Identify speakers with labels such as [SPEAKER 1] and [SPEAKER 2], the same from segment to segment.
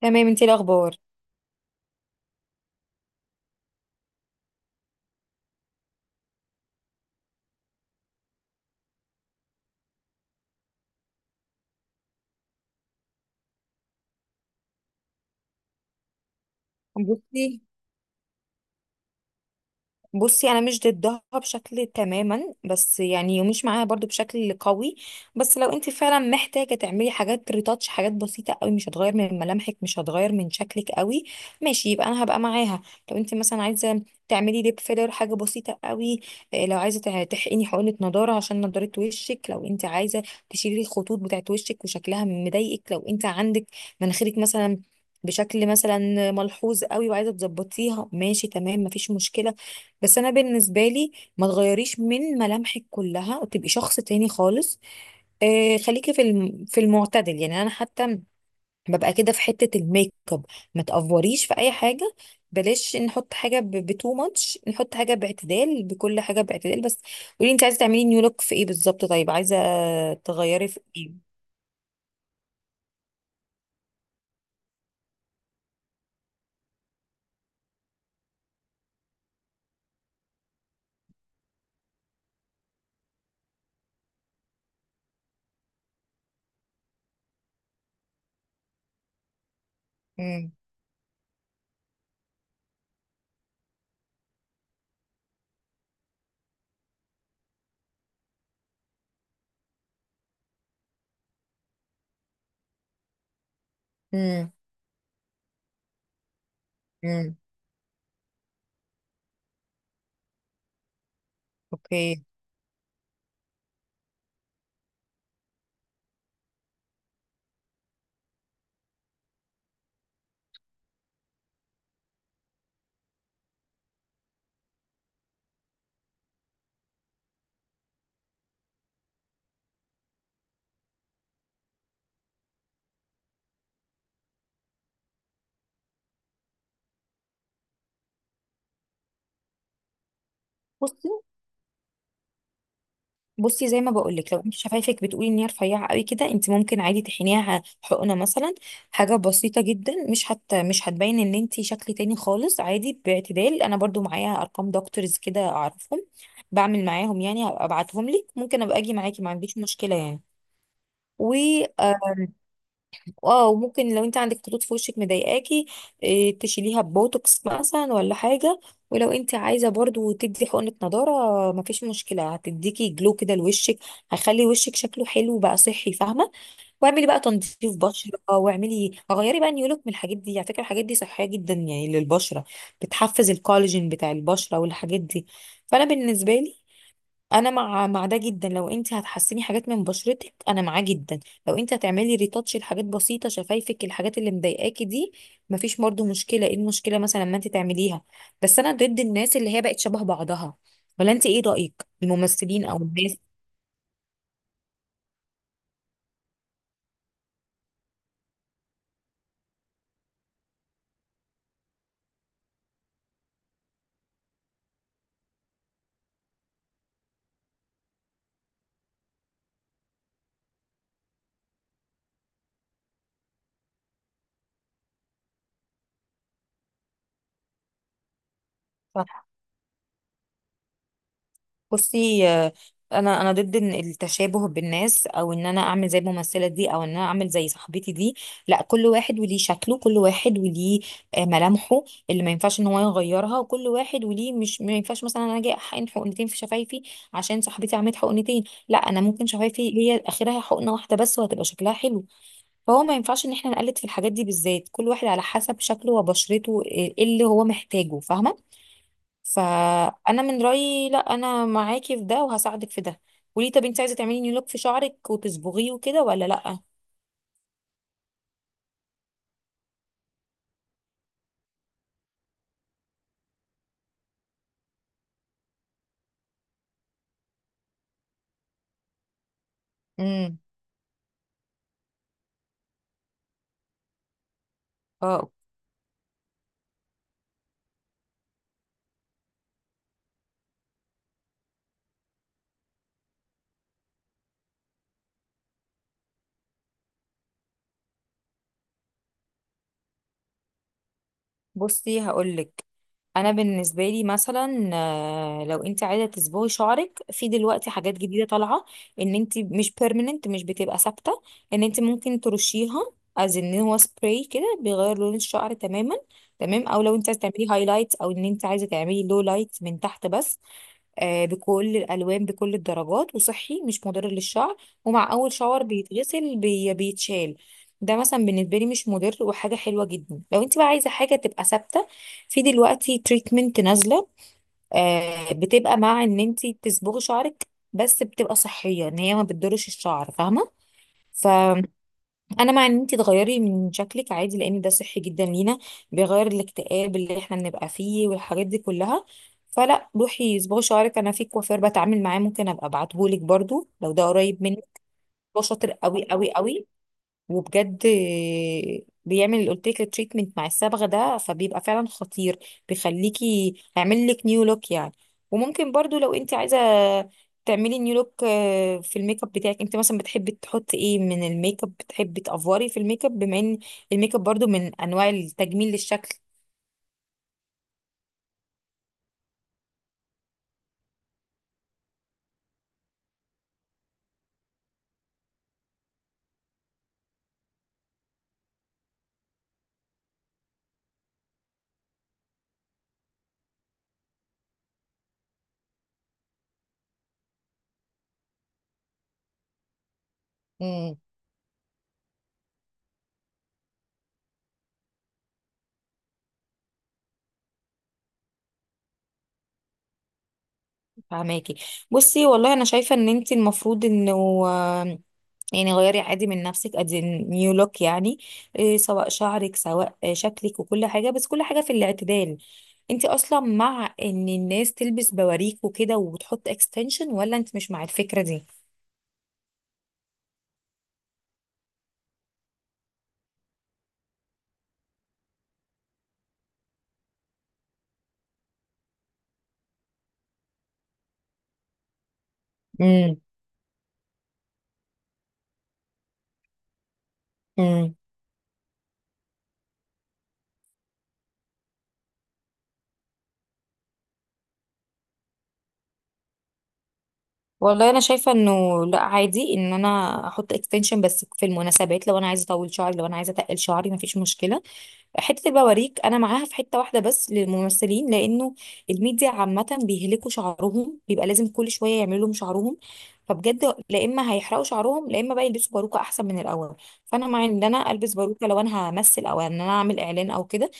[SPEAKER 1] تمام، انتي إيه الاخبار؟ بصي بصي، انا مش ضدها بشكل تماما، بس يعني ومش معاها برضو بشكل قوي. بس لو انت فعلا محتاجه تعملي حاجات ريتاتش، حاجات بسيطه قوي، مش هتغير من ملامحك، مش هتغير من شكلك قوي، ماشي يبقى انا هبقى معاها. لو انت مثلا عايزه تعملي ليب فيلر، حاجه بسيطه قوي. لو عايزه تحقني حقنه نضاره عشان نضاره وشك، لو انت عايزه تشيلي الخطوط بتاعت وشك وشكلها مضايقك، لو انت عندك مناخيرك مثلا بشكل مثلا ملحوظ قوي وعايزه تظبطيها، ماشي تمام مفيش مشكله. بس انا بالنسبه لي، ما تغيريش من ملامحك كلها وتبقي شخص تاني خالص. آه، خليكي في في المعتدل، يعني انا حتى ببقى كده في حته الميك اب، ما تافوريش في اي حاجه. بلاش نحط حاجه بتو ماتش، نحط حاجه باعتدال، بكل حاجه باعتدال بس. قولي انت عايزه تعملي نيو لوك في ايه بالظبط؟ طيب، عايزه تغيري في ايه؟ امم. امم. اوكي. بصي بصي، زي ما بقولك، لو انت شفايفك بتقولي ان هي رفيعه قوي كده، انت ممكن عادي تحنيها حقنه مثلا. حاجه بسيطه جدا، مش هتبين ان انت شكل تاني خالص، عادي باعتدال. انا برضو معايا ارقام دكتورز كده اعرفهم، بعمل معاهم، يعني هبقى ابعتهم لك، ممكن ابقى اجي معاكي ما عنديش مشكله يعني. اه. وممكن لو انت عندك خطوط في وشك مضايقاكي، تشيليها ببوتوكس مثلا ولا حاجه. ولو انت عايزه برضو تدي حقنه نضاره مفيش مشكله، هتديكي جلو كده لوشك، هيخلي وشك شكله حلو بقى، صحي، فاهمه؟ واعملي بقى تنظيف بشره، واعملي غيري بقى نيولك من الحاجات دي. على فكره الحاجات دي صحيه جدا يعني للبشره، بتحفز الكولاجين بتاع البشره والحاجات دي. فانا بالنسبه لي، انا مع ده جدا. لو انت هتحسني حاجات من بشرتك انا معاه جدا. لو انت هتعملي ريتاتش لحاجات بسيطه، شفايفك الحاجات اللي مضايقاكي دي، مفيش برضه مشكله. ايه المشكله مثلا ما انت تعمليها. بس انا ضد الناس اللي هي بقت شبه بعضها، ولا انت ايه رايك؟ الممثلين او الناس. بصي، انا ضد إن التشابه بالناس، او ان انا اعمل زي الممثله دي، او ان انا اعمل زي صاحبتي دي. لا، كل واحد وليه شكله، كل واحد وليه ملامحه اللي ما ينفعش ان هو يغيرها، وكل واحد وليه، مش ما ينفعش مثلا انا اجي احقن حقنتين في شفايفي عشان صاحبتي عملت حقنتين. لا، انا ممكن شفايفي هي اخرها حقنه واحده بس وهتبقى شكلها حلو. فهو ما ينفعش ان احنا نقلد في الحاجات دي بالذات. كل واحد على حسب شكله وبشرته، إيه اللي هو محتاجه، فاهمه؟ فانا من رايي لا، انا معاكي في ده وهساعدك في ده. قولي، طب انت عايزه تعملي نيو لوك في شعرك وتصبغيه وكده ولا لا؟ امم. اه. بصي هقولك، انا بالنسبه لي مثلا لو انت عايزه تصبغي شعرك، في دلوقتي حاجات جديده طالعه ان انت مش بيرمننت، مش بتبقى ثابته، ان انت ممكن ترشيها از ان هو سبراي كده بيغير لون الشعر تماما. تمام او لو انت عايزه تعملي هايلايت، او ان انت عايزه تعملي لو لايت من تحت بس، بكل الالوان، بكل الدرجات، وصحي مش مضر للشعر، ومع اول شاور بيتغسل بيتشال. ده مثلا بالنسبه لي مش مضر وحاجه حلوه جدا. لو انت بقى عايزه حاجه تبقى ثابته، في دلوقتي تريتمنت نازله، بتبقى مع ان انت تصبغي شعرك، بس بتبقى صحيه ان هي ما بتضرش الشعر، فاهمه؟ انا مع ان انت تغيري من شكلك عادي، لان ده صحي جدا لينا، بيغير الاكتئاب اللي احنا بنبقى فيه والحاجات دي كلها. فلا، روحي صباغي شعرك. انا في كوافير بتعامل معاه، ممكن ابقى ابعتهولك برضو لو ده قريب منك. هو شاطر قوي قوي قوي، وبجد بيعمل اللي قلت لك التريتمنت مع الصبغه ده، فبيبقى فعلا خطير، بيخليكي، هيعمل لك نيو لوك يعني. وممكن برضو لو انت عايزه تعملي نيو لوك في الميك اب بتاعك. انت مثلا بتحبي تحطي ايه من الميك اب؟ بتحبي تافوري في الميك اب، بما ان الميك اب برضو من انواع التجميل للشكل. امم. فهماكي. بصي، والله انا شايفه ان انت المفروض انه يعني غيري عادي من نفسك، ادي نيو لوك يعني، سواء شعرك، سواء شكلك، وكل حاجة، بس كل حاجة في الاعتدال. انت اصلا مع ان الناس تلبس بواريك وكده وتحط اكستنشن، ولا انت مش مع الفكرة دي؟ امم. امم. والله انا شايفة انه لا، عادي ان انا احط اكستنشن بس في المناسبات، لو انا عايزة اطول شعري، لو انا عايزة اتقل شعري مفيش مشكلة. حته البواريك انا معاها في حته واحده بس للممثلين، لانه الميديا عامه بيهلكوا شعرهم، بيبقى لازم كل شويه يعملوا لهم شعرهم، فبجد لا. اما هيحرقوا شعرهم، لا اما بقى يلبسوا باروكه احسن من الاول. فانا مع ان انا البس باروكه لو انا همثل او ان انا اعمل اعلان او كده،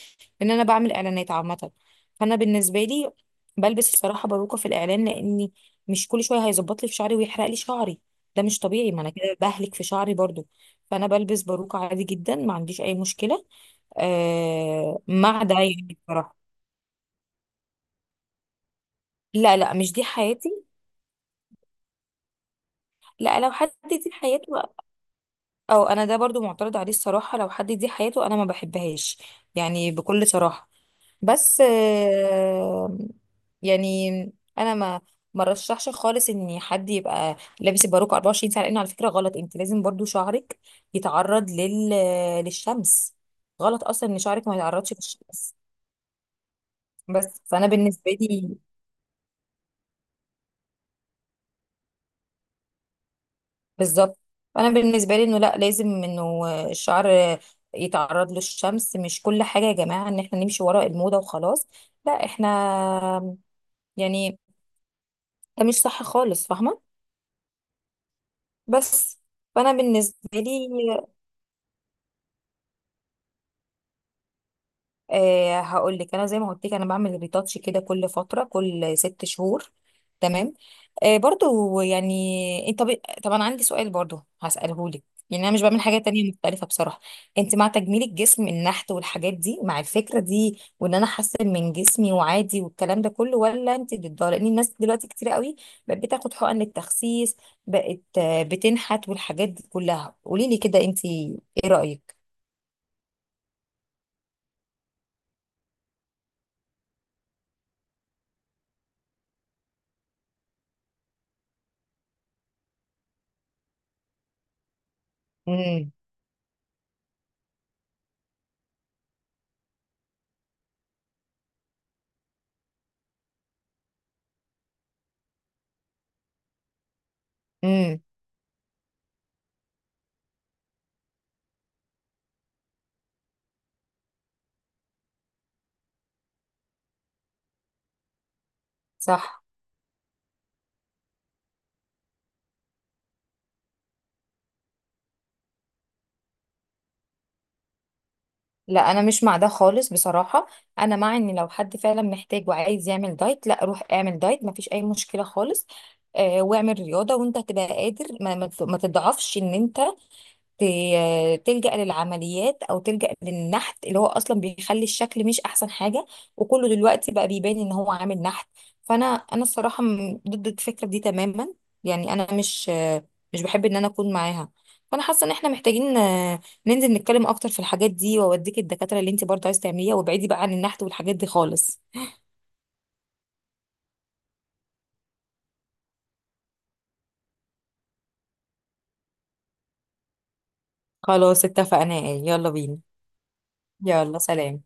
[SPEAKER 1] لان انا بعمل اعلانات عامه. فانا بالنسبه لي بلبس الصراحه باروكه في الاعلان، لاني مش كل شويه هيظبط لي في شعري ويحرق لي شعري. ده مش طبيعي، ما انا كده بهلك في شعري برضو. فانا بلبس باروكه عادي جدا، ما عنديش اي مشكله مع ده يعني بصراحة. لا لا، مش دي حياتي. لا، لو حد دي حياته، او انا ده برضو معترض عليه الصراحة. لو حد دي حياته انا ما بحبهاش، يعني بكل صراحة. بس يعني انا ما رشحش خالص ان حد يبقى لابس الباروكة 24 ساعة، لانه على فكرة غلط. انت لازم برضو شعرك يتعرض للشمس. غلط اصلا ان شعرك ما يتعرضش للشمس. بس فانا بالنسبة لي، بالظبط. انا بالنسبه لي انه لا، لازم انه الشعر يتعرض للشمس. مش كل حاجه يا جماعه ان احنا نمشي ورا الموضه وخلاص. لا احنا يعني، ده مش صح خالص، فاهمه؟ بس فانا بالنسبه لي، أه هقول لك، انا زي ما قلت لك انا بعمل ريتاتش كده كل فتره، كل 6 شهور. تمام. أه برضو يعني، انت طب، انا عندي سؤال برضو هساله لك، يعني انا مش بعمل حاجه تانية مختلفه بصراحه. انت مع تجميل الجسم، النحت والحاجات دي، مع الفكره دي وان انا احسن من جسمي وعادي والكلام ده كله، ولا انت ضدها؟ لان الناس دلوقتي كتير قوي بقت بتاخد حقن التخسيس، بقت بتنحت والحاجات دي كلها. قولي لي كده انت ايه رايك؟ امم. امم. صح. لا، انا مش مع ده خالص بصراحه. انا مع ان لو حد فعلا محتاج وعايز يعمل دايت، لا روح اعمل دايت مفيش اي مشكله خالص. واعمل رياضه، وانت هتبقى قادر، ما تضعفش ان انت تلجأ للعمليات او تلجأ للنحت، اللي هو اصلا بيخلي الشكل مش احسن حاجة، وكله دلوقتي بقى بيبان ان هو عامل نحت. فانا الصراحة ضد الفكرة دي تماما، يعني انا مش بحب ان انا اكون معاها. فانا حاسة ان احنا محتاجين ننزل نتكلم اكتر في الحاجات دي، واوديك الدكاترة اللي انت برضه عايز تعمليها، وابعدي بقى عن النحت والحاجات دي خالص. خلاص، اتفقنا، ايه يلا بينا. يلا سلام.